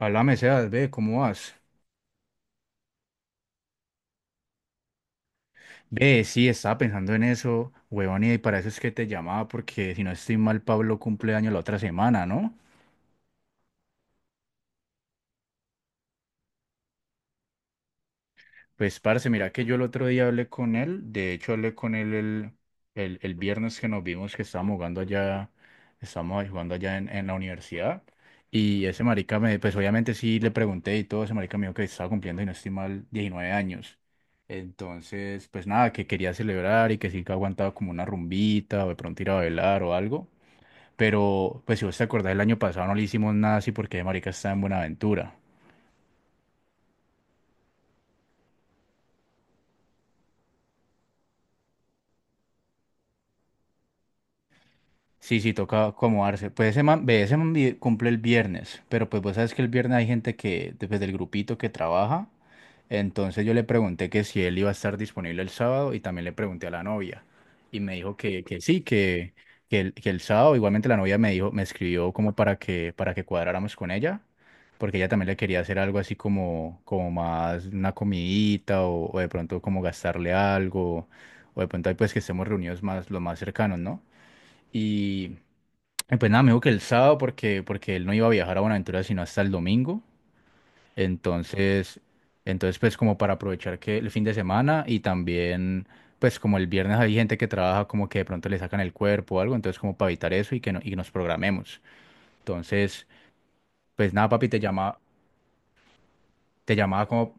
Háblame, Sebas, ve, ¿cómo vas? Ve, sí, estaba pensando en eso, huevón, y para eso es que te llamaba, porque si no estoy mal, Pablo cumple año la otra semana, ¿no? Pues, parce, mira que yo el otro día hablé con él. De hecho, hablé con él el viernes que nos vimos, que estábamos jugando allá, estábamos ahí jugando allá en la universidad, y ese marica me, pues obviamente sí le pregunté y todo, ese marica me dijo que estaba cumpliendo, y no estoy mal, 19 años. Entonces, pues nada, que quería celebrar y que sí, que aguantaba como una rumbita o de pronto ir a bailar o algo, pero pues si vos te acordás, el año pasado no le hicimos nada así porque ese marica está en Buenaventura. Sí, sí, toca acomodarse. Pues ese man, ve, ese man cumple el viernes, pero pues vos sabes que el viernes hay gente que, desde el grupito, que trabaja, entonces yo le pregunté que si él iba a estar disponible el sábado y también le pregunté a la novia, y me dijo que, que sí, que el sábado. Igualmente, la novia me dijo, me escribió como para que cuadráramos con ella, porque ella también le quería hacer algo así como más una comidita, o de pronto como gastarle algo, o de pronto ahí, pues, que estemos reunidos más, los más cercanos, ¿no? Y pues nada, me dijo que el sábado porque él no iba a viajar a Buenaventura sino hasta el domingo. Entonces, entonces, pues, como para aprovechar que el fin de semana, y también pues como el viernes hay gente que trabaja, como que de pronto le sacan el cuerpo o algo, entonces como para evitar eso y que no, y nos programemos. Entonces, pues nada, papi, te llama, te llamaba como,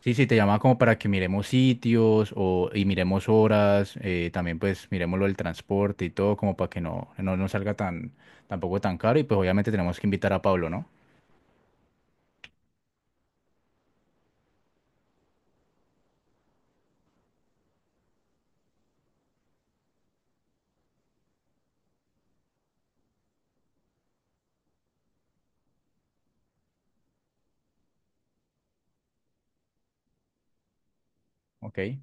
sí, sí, te llamaba como para que miremos sitios, o, y miremos horas, también pues miremos lo del transporte y todo, como para que no, nos salga tan, tampoco tan caro, y pues obviamente tenemos que invitar a Pablo, ¿no? Ok.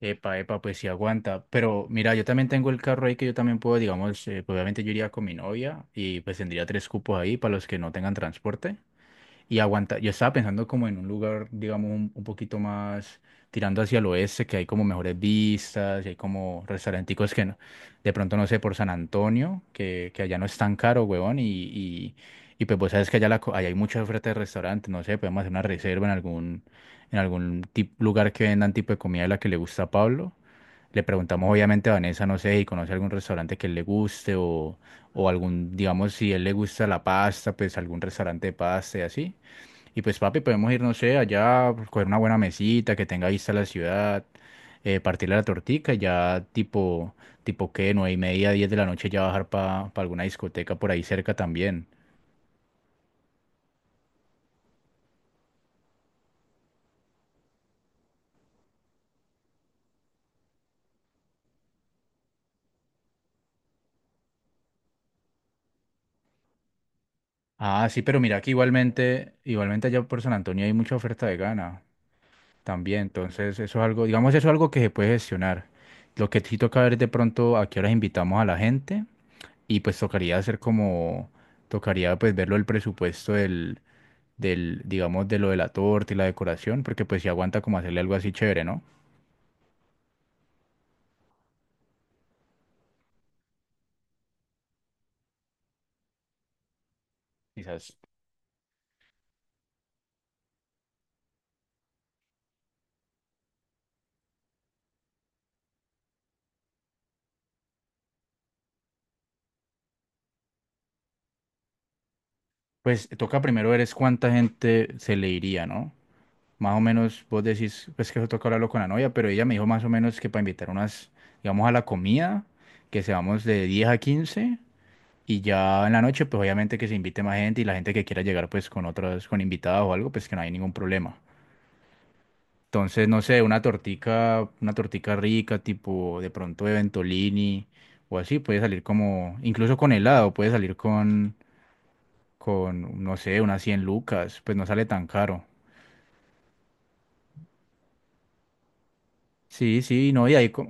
Epa, epa, pues sí aguanta. Pero mira, yo también tengo el carro ahí, que yo también puedo, digamos, pues obviamente yo iría con mi novia y pues tendría tres cupos ahí para los que no tengan transporte. Y aguanta. Yo estaba pensando como en un lugar, digamos, un poquito más tirando hacia el oeste, que hay como mejores vistas, y hay como restauranticos que no, de pronto, no sé, por San Antonio, que allá no es tan caro, huevón, y pues vos sabes que allá, allá hay mucha oferta de restaurantes, no sé, podemos hacer una reserva en algún lugar que vendan tipo de comida de la que le gusta a Pablo. Le preguntamos obviamente a Vanessa, no sé si conoce algún restaurante que le guste, o algún, digamos, si él le gusta la pasta, pues algún restaurante de pasta y así. Y pues, papi, podemos ir, no sé, allá, pues, coger una buena mesita que tenga vista a la ciudad, partirle la tortica, y ya tipo qué, 9:30, diez de la noche, ya bajar para alguna discoteca por ahí cerca también. Ah, sí, pero mira que igualmente allá por San Antonio hay mucha oferta vegana también, entonces eso es algo, digamos, eso es algo que se puede gestionar. Lo que sí toca ver es de pronto a qué horas invitamos a la gente, y pues tocaría hacer como, tocaría, pues, verlo, el presupuesto del, digamos, de lo de la torta y la decoración, porque pues si aguanta como hacerle algo así chévere, ¿no? Quizás. Pues toca primero ver es cuánta gente se le iría, ¿no? Más o menos, vos decís, pues, que eso toca hablarlo con la novia, pero ella me dijo más o menos que para invitar unas, digamos, a la comida, que seamos de 10 a 15, y ya en la noche, pues obviamente, que se invite más gente y la gente que quiera llegar pues con otras, con invitados o algo, pues que no hay ningún problema. Entonces, no sé, una tortica rica, tipo de pronto de Ventolini o así, puede salir como, incluso con helado, puede salir con, no sé, unas 100 lucas, pues no sale tan caro. Sí, sí, no, y ahí,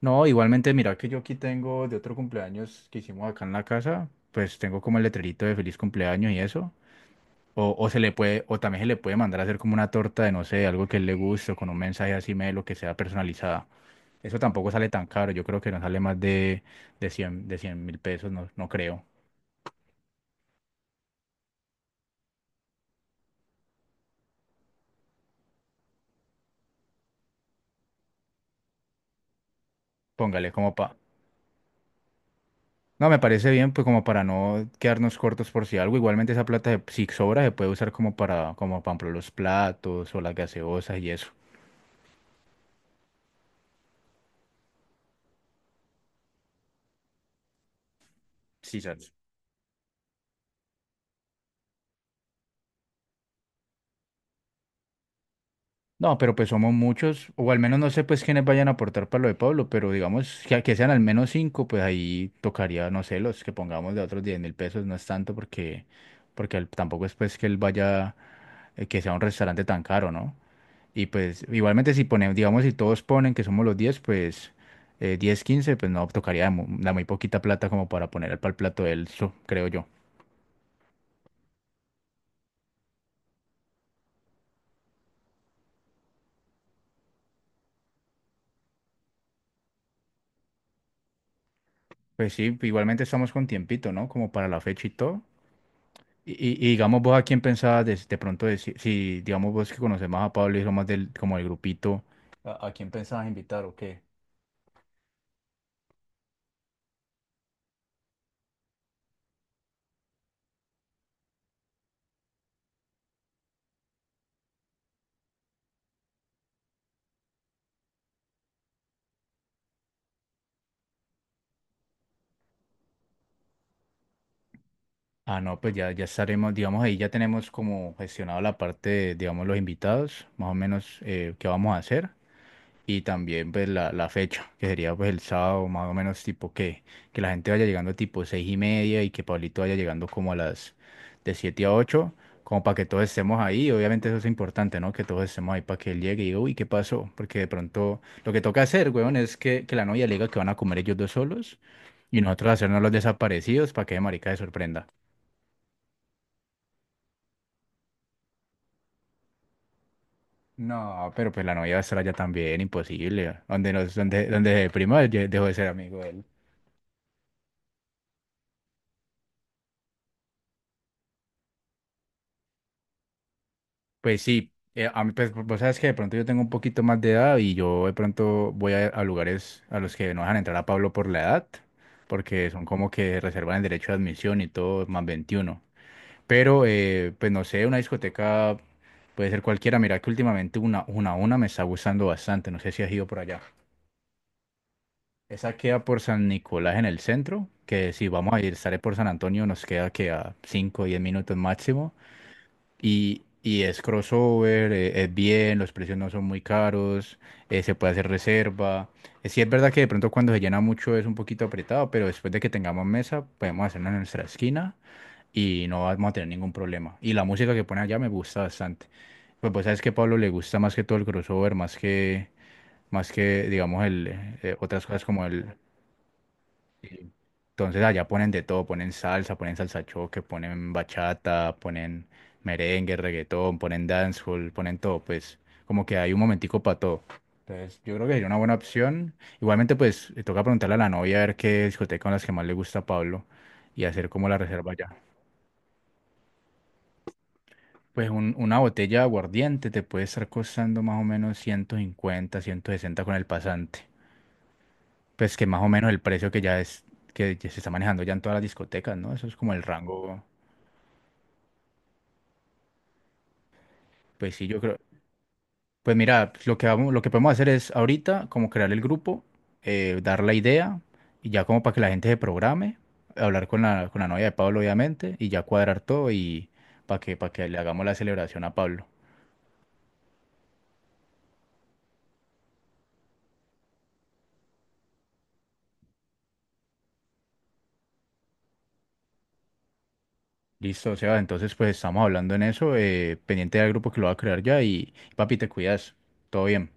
no, igualmente, mira que yo aquí tengo de otro cumpleaños que hicimos acá en la casa, pues tengo como el letrerito de feliz cumpleaños y eso. O se le puede, o también se le puede mandar a hacer como una torta de, no sé, algo que a él le guste, o con un mensaje así medio, lo que sea, personalizada. Eso tampoco sale tan caro. Yo creo que no sale más de 100.000 pesos, no, no creo. Póngale como pa... No, me parece bien, pues como para no quedarnos cortos por si algo. Igualmente, esa plata, se- si sobra, se puede usar como para, como para ejemplo, los platos o las gaseosas y eso. Sí, sale. No, pero pues somos muchos, o al menos no sé pues quiénes vayan a aportar para lo de Pablo, pero digamos que sean al menos cinco, pues ahí tocaría, no sé, los que pongamos de otros 10.000 pesos, no es tanto porque, porque él- tampoco es pues que él vaya, que sea un restaurante tan caro, ¿no? Y pues igualmente si ponemos, digamos, si todos ponen que somos los 10 pues 10, 15, pues no, tocaría la muy poquita plata como para poner para el plato de él, creo yo. Pues sí, igualmente estamos con tiempito, ¿no? Como para la fecha y todo. Y, y digamos vos a quién pensabas de pronto, de si, si, digamos vos, que conoces más a Pablo y son más del, como el grupito, a quién pensabas invitar o qué? Ah, no, pues ya, ya estaremos, digamos, ahí ya tenemos como gestionado la parte de, digamos, los invitados, más o menos, qué vamos a hacer. Y también pues la fecha, que sería pues el sábado, más o menos tipo que la gente vaya llegando tipo 6:30, y que Pablito vaya llegando como a las de siete a ocho, como para que todos estemos ahí. Obviamente, eso es importante, ¿no? Que todos estemos ahí para que él llegue y diga, uy, ¿qué pasó? Porque de pronto lo que toca hacer, weón, es que la novia le diga que van a comer ellos dos solos, y nosotros hacernos los desaparecidos, para que de marica se sorprenda. No, pero pues la novia va a estar allá también, imposible. Donde se dejó de ser amigo él. Pues sí, a mí, pues, vos sabes que de pronto yo tengo un poquito más de edad, y yo de pronto voy a lugares a los que no dejan entrar a Pablo por la edad, porque son como que reservan el derecho de admisión y todo, más 21. Pero, pues no sé, una discoteca puede ser cualquiera. Mira que últimamente una me está gustando bastante, no sé si has ido por allá. Esa queda por San Nicolás, en el centro, que si vamos a ir, sale por San Antonio, nos queda que a 5 o 10 minutos máximo. Y es crossover, es bien, los precios no son muy caros, se puede hacer reserva. Sí es verdad que de pronto cuando se llena mucho es un poquito apretado, pero después de que tengamos mesa podemos hacerlo en nuestra esquina y no vamos a tener ningún problema. Y la música que pone allá me gusta bastante. Pues sabes que a Pablo le gusta más que todo el crossover, más que, más que, digamos, el, otras cosas como el, entonces allá ponen de todo, ponen salsa choque, ponen bachata, ponen merengue, reggaetón, ponen dancehall, ponen todo, pues como que hay un momentico para todo. Entonces yo creo que sería una buena opción. Igualmente, pues le toca preguntarle a la novia a ver qué discoteca, con las que más le gusta a Pablo, y hacer como la reserva ya. Pues una botella de aguardiente te puede estar costando más o menos 150, 160 con el pasante. Pues que más o menos el precio que ya es, que ya se está manejando ya en todas las discotecas, ¿no? Eso es como el rango. Pues sí, yo creo. Pues mira, pues lo que podemos hacer es ahorita como crear el grupo, dar la idea y ya como para que la gente se programe, hablar con la novia de Pablo, obviamente, y ya cuadrar todo y para que le hagamos la celebración a Pablo. Listo, o sea, entonces pues estamos hablando en eso, pendiente del grupo que lo va a crear ya, y papi, te cuidas, todo bien.